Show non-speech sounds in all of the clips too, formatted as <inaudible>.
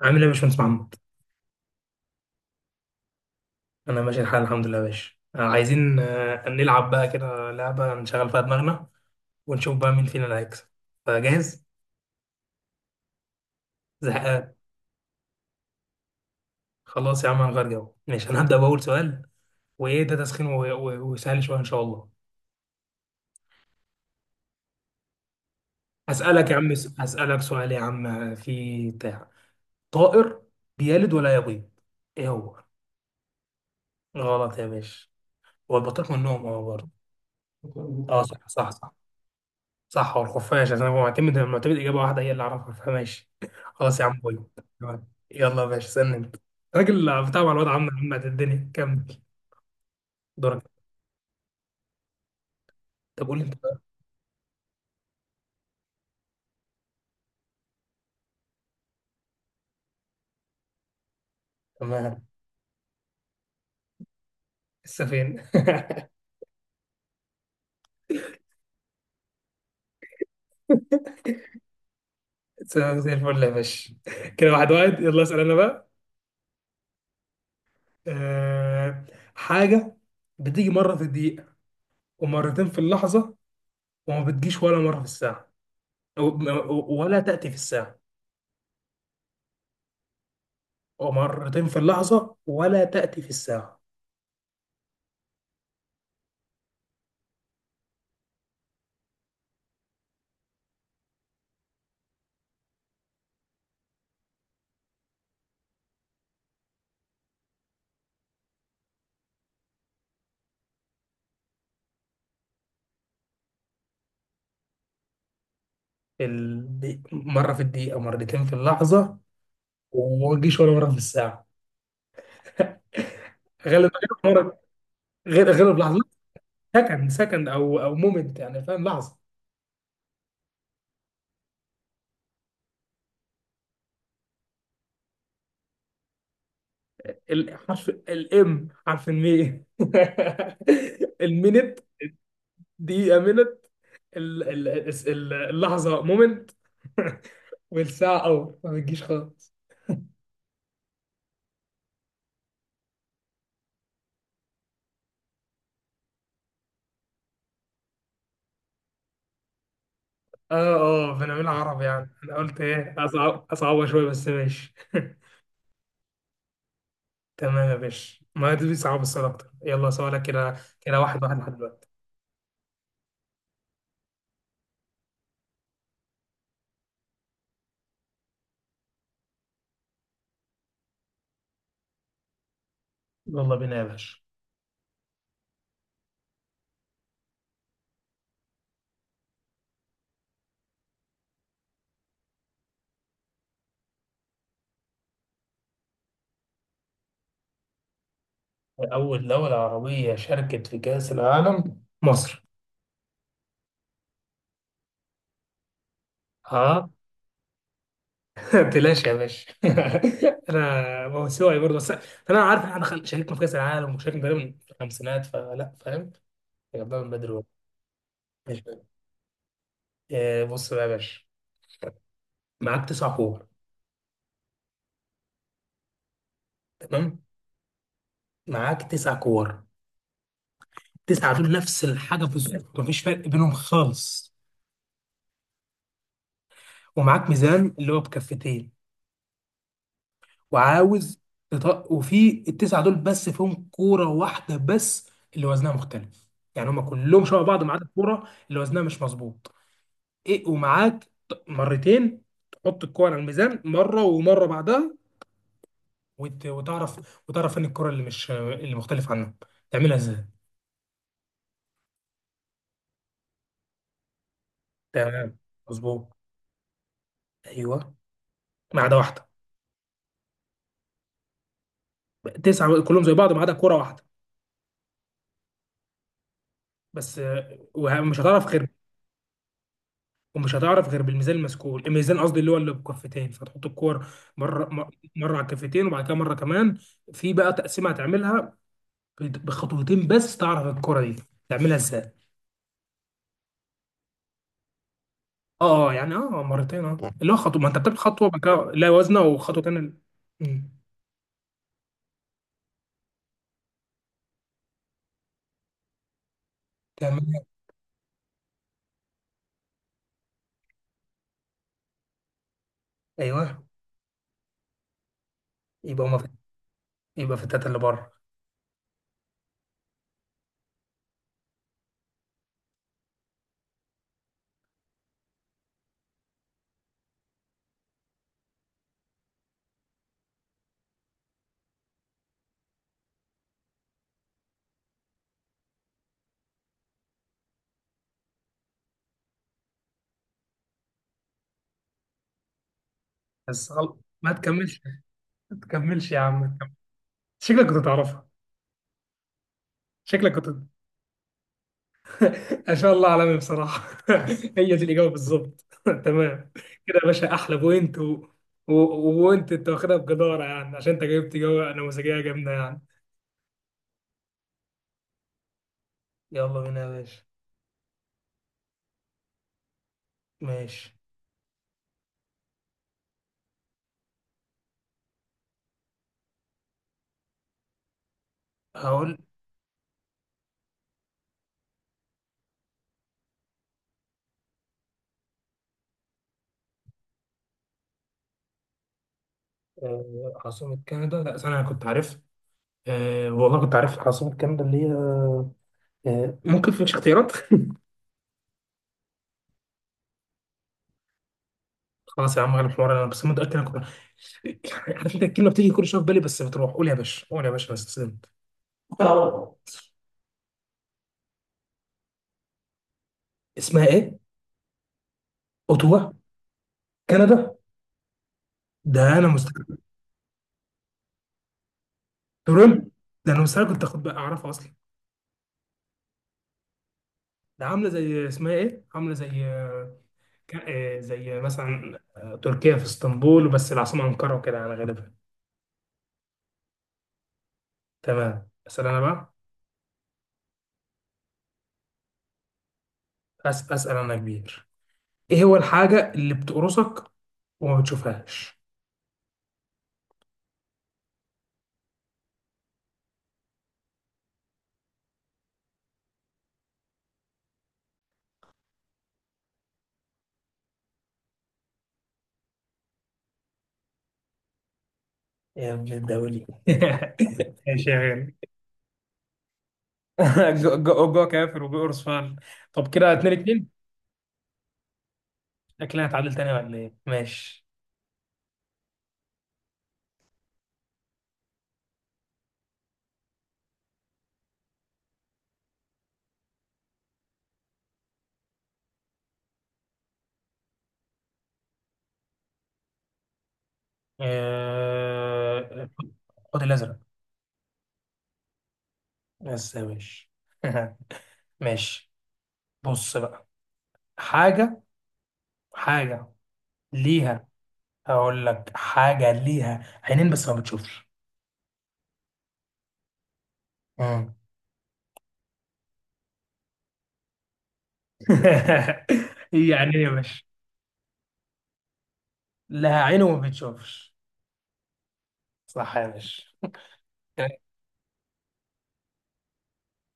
عامل ايه يا باشمهندس محمد؟ انا ماشي الحال، الحمد لله يا باشا. عايزين نلعب بقى كده لعبة نشغل فيها دماغنا، ونشوف بقى مين فينا اللي هيكسب. فجاهز؟ زهقان. خلاص يا عم، هنغير جو. ماشي، انا هبدأ بأول سؤال. وايه ده، تسخين وسهل شوية ان شاء الله. هسألك يا عم، هسألك سؤال يا عم في بتاع طائر، بيلد ولا يبيض. ايه هو؟ غلط يا باشا. هو البطيخ من النوم، اه برضه. اه، صح صح صح. صح، هو الخفاش، عشان هو معتمد اجابه واحده هي اللي اعرفها، فماشي. خلاص يا عم، بوي. تمام. يلا يا باشا، استنى انت. راجل بتاع معلومات عامه، الدنيا كمل. دورك. طب قول لي انت بقى. تمام. لسه فين؟ <laughs> لسه زي الفل يا باشا. كده واحد واحد. يلا اسال انا بقى. أه... حاجه بتيجي مره في الدقيقه، ومرتين في اللحظه، وما بتجيش ولا مره في الساعه، ولا تاتي في الساعه. ومرتين في اللحظه، ولا تاتي في الساعه. مرة في الدقيقة، مرتين في اللحظة، وما تجيش ولا مرة في الساعة. غالب مرة، غير غالب لحظة. سكند أو مومنت يعني، فاهم؟ لحظة. الحرف الإم، حرف المي. <laughs> المينت. دقيقة مينت. اللحظة مومنت. <laughs> والساعة أور، ما بتجيش خالص. اه، اه، بنعملها عربي يعني. أنا قلت إيه؟ أصعبها شوية بس، ماشي. <laughs> تمام يا باشا، ما دي صعب السؤال اكتر. يلا سؤالك. كده كده، واحد واحد لحد دلوقتي. يلا بينا يا باشا. أول دولة عربية شاركت في كأس العالم، مصر. ها. <laughs> بلاش يا باشا. <laughs> انا، ما هو سواي برضه. بس انا عارف إن احنا شاركنا في كاس العالم، وشاركنا تقريبا في الخمسينات، فلا فاهم. جبناها من بدري والله. ماشي. بص بقى يا باشا. معاك تسع كور، تمام. معاك تسع كور. تسعة دول نفس الحاجة بالظبط، مفيش فرق بينهم خالص. ومعاك ميزان اللي هو بكفتين، وعاوز وفي التسعه دول بس فيهم كوره واحده بس اللي وزنها مختلف. يعني هما كلهم شبه بعض ما عدا الكوره اللي وزنها مش مظبوط. ايه، ومعاك مرتين تحط الكوره على الميزان، مره ومره بعدها، وتعرف فين الكوره اللي مش اللي مختلف عنها. تعملها ازاي؟ تمام، مظبوط. ايوه، ما عدا واحده. تسعه كلهم زي بعض ما عدا كوره واحده. بس ومش هتعرف غير بالميزان المسكول، الميزان قصدي اللي هو اللي بكفتين، فتحط الكور مره مره على الكفتين، وبعد كده مره كمان. في بقى تقسيمه هتعملها، بخطوتين بس تعرف الكره دي. تعملها ازاي؟ اه، يعني اه، مرتين اه، اللي هو خطوه. ما انت بتاخد خطوه بعد كده، لا وزنه وخطوه تانيه. أمم، تعملها. ايوه، يبقى هما في يبقى في التلاته اللي بره. بس غلط، ما تكملش. ما تكملش يا عم، ما تكملش. شكلك كنت تعرفها. شكلك كنت. ما شاء الله، عالمي بصراحة. <laughs> هي دي الإجابة بالظبط. <laughs> تمام. كده يا باشا أحلى بوينت، و... وانت واخدها بجدارة يعني، عشان انت جايبت إجابة نموذجية جامدة يعني. يلا بينا يا باشا. ماشي، هقول. عاصمة كندا، لا ثانية، أنا كنت عارف. والله كنت عارف عاصمة كندا اللي هي. ممكن فيش اختيارات؟ <laughs> خلاص يا عم غير الحوار، انا بس متأكد انا كنت <laughs> يعني عارف، انت الكلمة بتيجي كل شوية في بالي بس بتروح. قول يا باشا، قول يا باشا، انا استسلمت. آه. اسمها ايه؟ اوتوا. كندا. ده انا مستحيل. تورنتو. ده انا مستحيل كنت اخد بقى، اعرفها اصلا. ده عامله زي اسمها ايه، عامله زي زي مثلا تركيا، في اسطنبول بس العاصمه انقره، وكده يعني غالبا. تمام، اسال انا بقى. اسال انا يا كبير. ايه هو الحاجه اللي بتقرصك وما بتشوفهاش؟ يا ابن الدولي. <laughs> ماشي يا غالي. <laughs> جو كافر وبيقرص فعلا. طب كده، اتنين اتنين. شكلها هتعادل تاني ولا ايه ماشي آه، خد الازرق. بس يا باشا. <laughs> ماشي، بص بقى. حاجة حاجة ليها هقول لك حاجة ليها عينين بس ما بتشوفش. مم. <laughs> يعني ايه يا باشا؟ لها عين وما بتشوفش. صح يا باشا.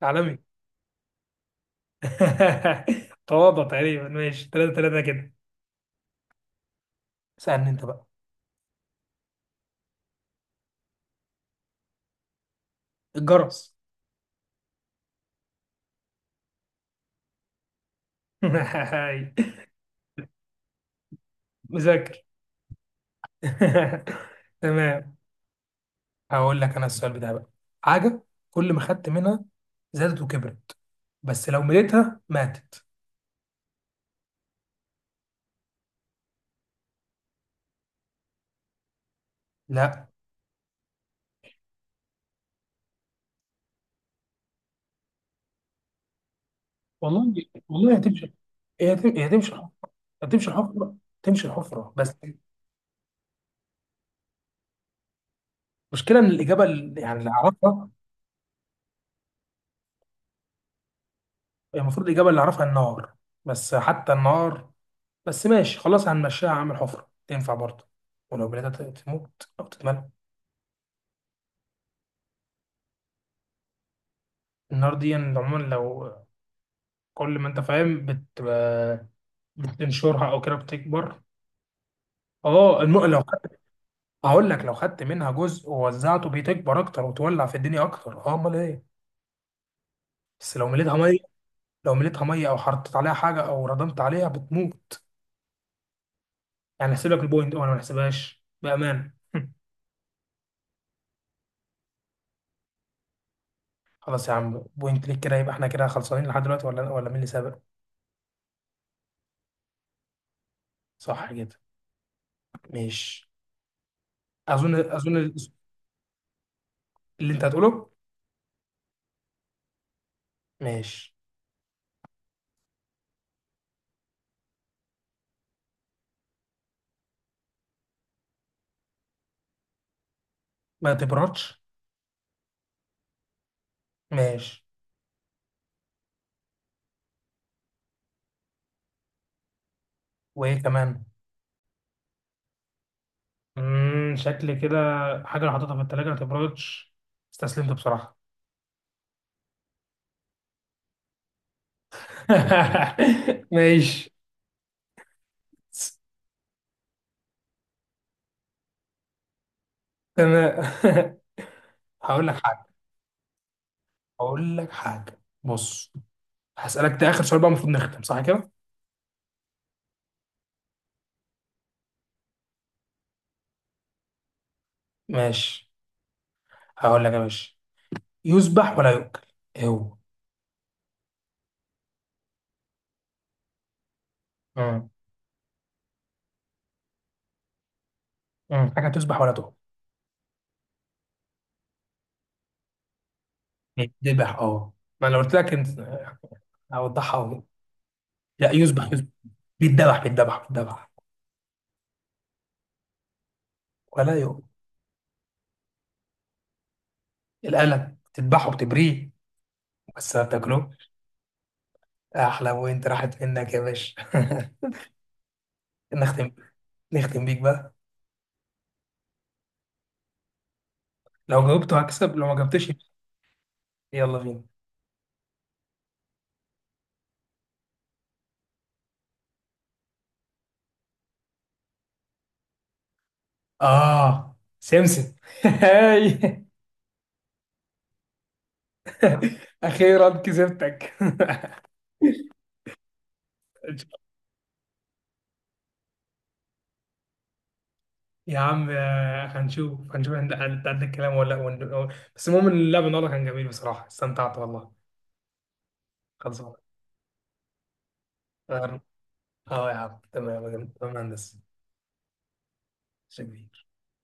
<laughs> عالمي. <laughs> تواضع تقريبا. ماشي، ثلاثة ثلاثة كده. اسألني انت بقى. الجرس. <laughs> مذاكر. <laughs> تمام. هقول لك انا السؤال بتاعي بقى. حاجه، كل ما خدت منها زادت وكبرت، بس لو مليتها ماتت. لا. والله، والله هتمشي. هي هتمشي الحفرة. هتمشي الحفره، تمشي الحفره بس. المشكله ان الاجابه يعني اللي اعرفها، هي المفروض الاجابه اللي اعرفها النار. بس حتى النار، بس ماشي خلاص هنمشيها. هعمل حفره تنفع برضه، ولو مليتها تموت او تتملى. النار دي عموما لو كل ما انت فاهم، بتنشرها او كده بتكبر. اه، لو خدت. هقول لك، لو خدت منها جزء ووزعته بتكبر اكتر وتولع في الدنيا اكتر. اه، امال ايه؟ بس لو مليتها ميه، لو مليتها ميه او حطيت عليها حاجه او ردمت عليها، بتموت. يعني احسب لك البوينت، وانا ما احسبهاش بامان. <laughs> خلاص يا عم، بوينت ليك، كده يبقى احنا كده خلصانين لحد دلوقتي، ولا مين اللي سابق؟ صح كده. ماشي، اظن اللي انت هتقوله. ماشي. ما تبردش. ماشي، وايه كمان؟ شكل كده. حاجه اللي حاططها في التلاجة ما تبردش. استسلمت بصراحه. <laughs> ماشي، تمام. <laughs> هقول لك حاجة هقول لك حاجة، بص. هسألك، ده آخر سؤال بقى المفروض نختم، صح كده؟ ماشي، هقول لك يا باشا. يذبح ولا يؤكل، ايه هو؟ مم. مم. حاجة تذبح ولا تؤكل. بيتذبح اه. ما أنا لو قلت لك انت، هوضحها أوي. لا، يذبح يذبح، بيتذبح بيتذبح بيتذبح، ولا يؤكل. القلم، بتذبحه بتبريه، بس ما بتاكله. أحلى، وأنت راحت منك يا باشا. <laughs> نختم، نختم بيك بقى. لو جاوبته هكسب، لو ما جاوبتش. يلا بينا. اه، سمسم. <laughs> هاي! اخيرا كسبتك. <laughs> يا عم هنشوف انت قد الكلام ولا بس المهم ان اللعب النهارده كان جميل بصراحه، استمتعت والله. خلصان. اه، آه يا عم، تمام تمام يا مهندس. شكرا.